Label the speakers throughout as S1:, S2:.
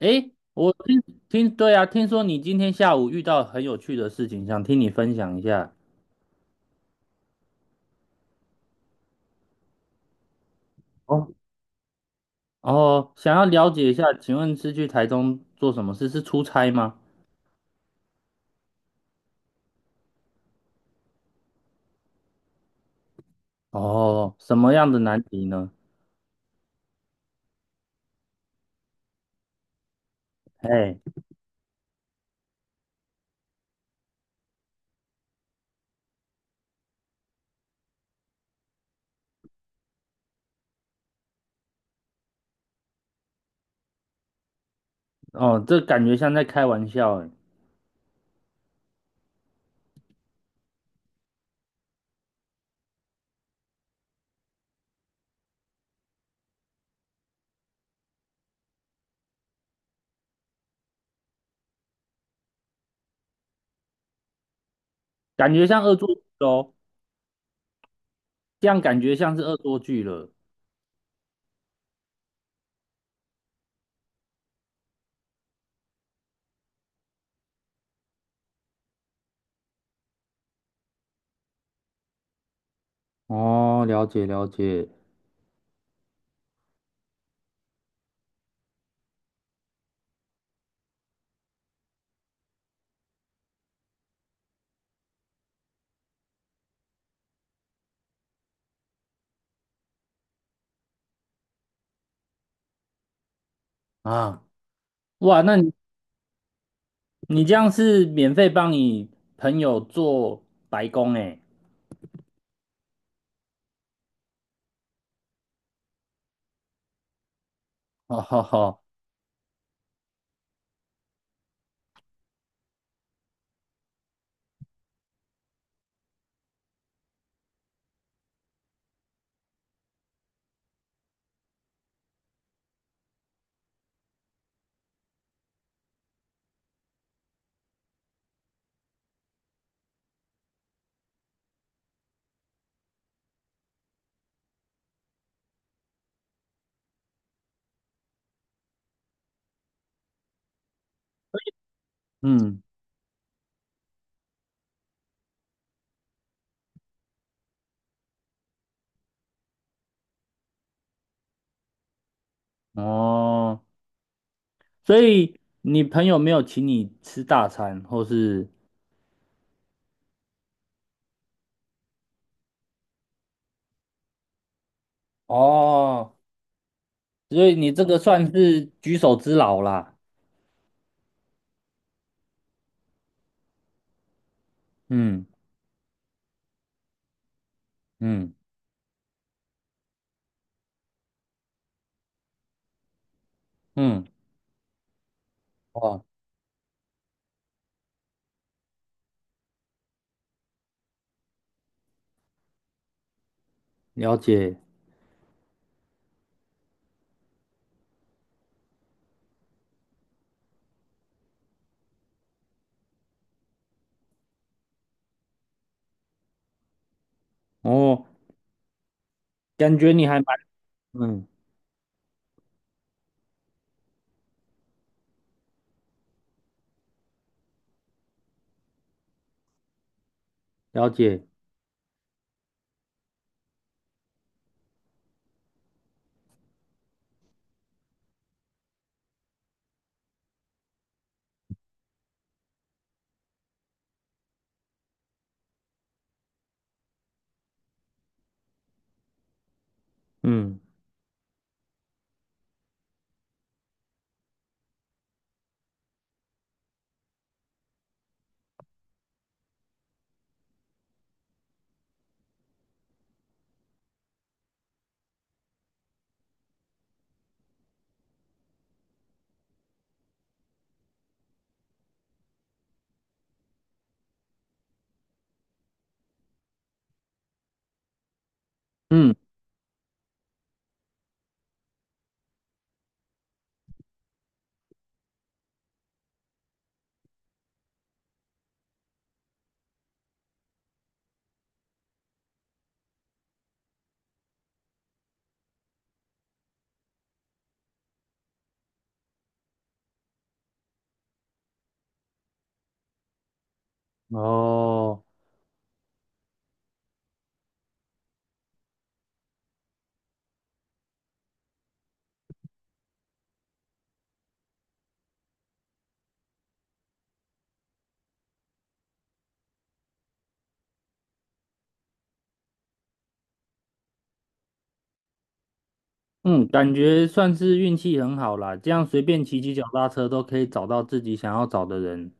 S1: 诶，我听听，对啊，听说你今天下午遇到很有趣的事情，想听你分享一下。哦，哦，想要了解一下，请问是去台中做什么事？是出差吗？哦，什么样的难题呢？哎，哦，这感觉像在开玩笑，哎，感觉像恶作剧哦，这样感觉像是恶作剧了。哦，了解了解。啊，哇，那你这样是免费帮你朋友做白工哎，哦好好，嗯。哦，所以你朋友没有请你吃大餐，或是哦，所以你这个算是举手之劳啦。嗯嗯嗯，哦，了解。哦，感觉你还蛮嗯，了解。嗯嗯，哦，嗯，感觉算是运气很好啦，这样随便骑骑脚踏车都可以找到自己想要找的人。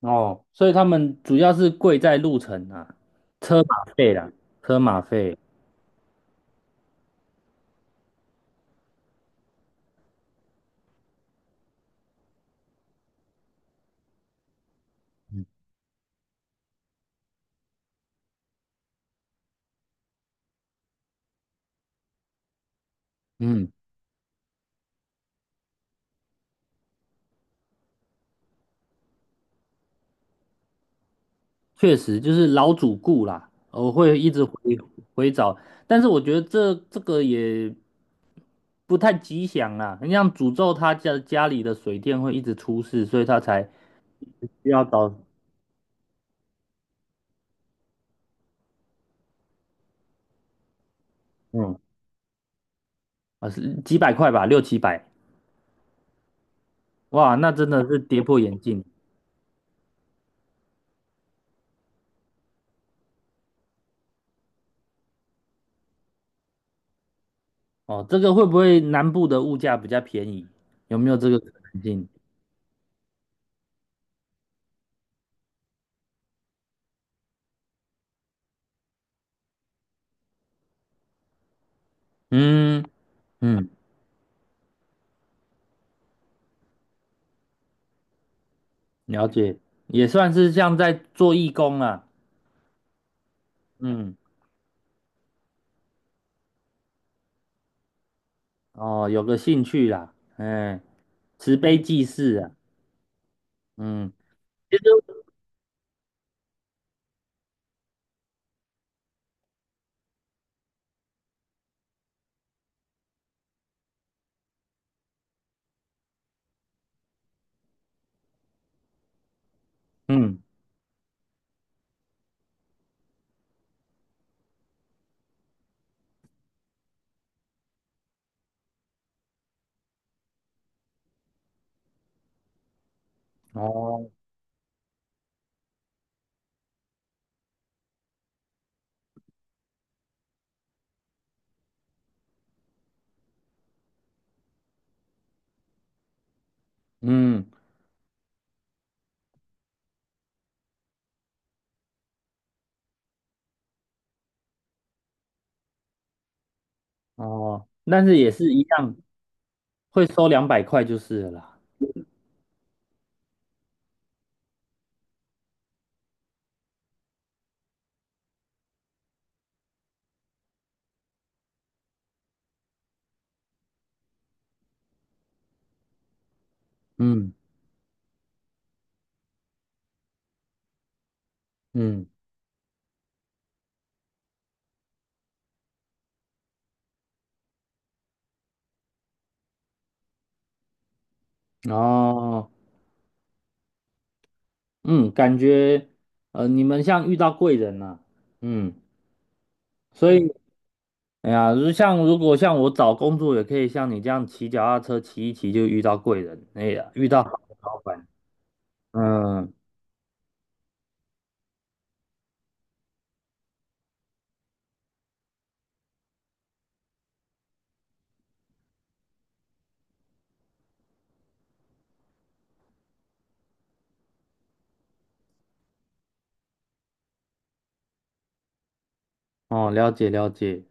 S1: 哦，所以他们主要是贵在路程啊，车马费啦，车马费。嗯，确实就是老主顾啦，我会一直回找，但是我觉得这个也不太吉祥啦，你像诅咒他家家里的水电会一直出事，所以他才需要找嗯啊是几百块吧，六七百，哇，那真的是跌破眼镜哦。这个会不会南部的物价比较便宜？有没有这个可能性？嗯嗯，了解，也算是像在做义工啊，嗯。哦，有个兴趣啦，哎，慈悲济世啊，嗯，其实，嗯，哦，嗯，哦，但是也是一样，会收200块就是了啦，嗯嗯，哦，嗯，感觉，呃，你们像遇到贵人了、嗯，所以，哎呀，如果像我找工作，也可以像你这样骑脚踏车骑一骑就遇到贵人，哎呀，遇到好的老板，嗯，哦，了解了解。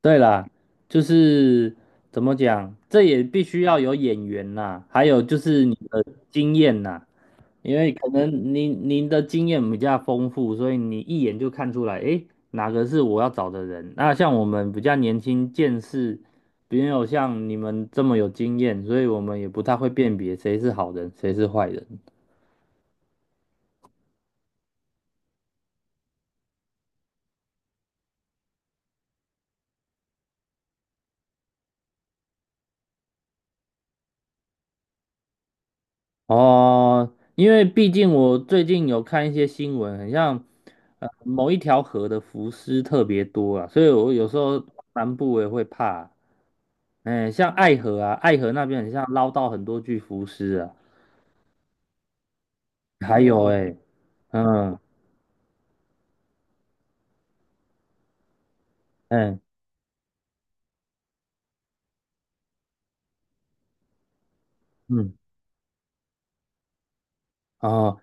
S1: 对啦，就是怎么讲，这也必须要有眼缘呐，还有就是你的经验呐，因为可能您的经验比较丰富，所以你一眼就看出来，诶，哪个是我要找的人。那像我们比较年轻，见识没有像你们这么有经验，所以我们也不太会辨别谁是好人，谁是坏人。哦，因为毕竟我最近有看一些新闻，很像某一条河的浮尸特别多啊，所以我有时候南部我也会怕。哎，像爱河啊，爱河那边很像捞到很多具浮尸啊，还有哎，嗯，哎，嗯，哦，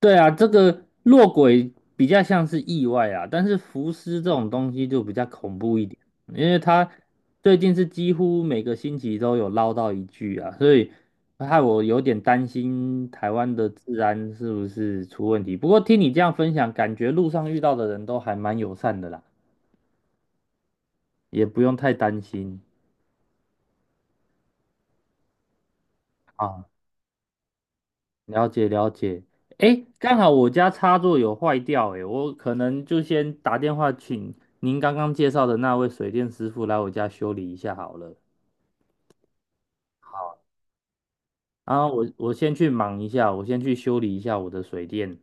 S1: 对啊，这个落轨比较像是意外啊，但是浮尸这种东西就比较恐怖一点，因为他最近是几乎每个星期都有捞到一具啊，所以害我有点担心台湾的治安是不是出问题。不过听你这样分享，感觉路上遇到的人都还蛮友善的啦，也不用太担心啊。了解了解，诶，刚好我家插座有坏掉，诶，我可能就先打电话请您刚刚介绍的那位水电师傅来我家修理一下好了。好，然后我先去忙一下，我先去修理一下我的水电。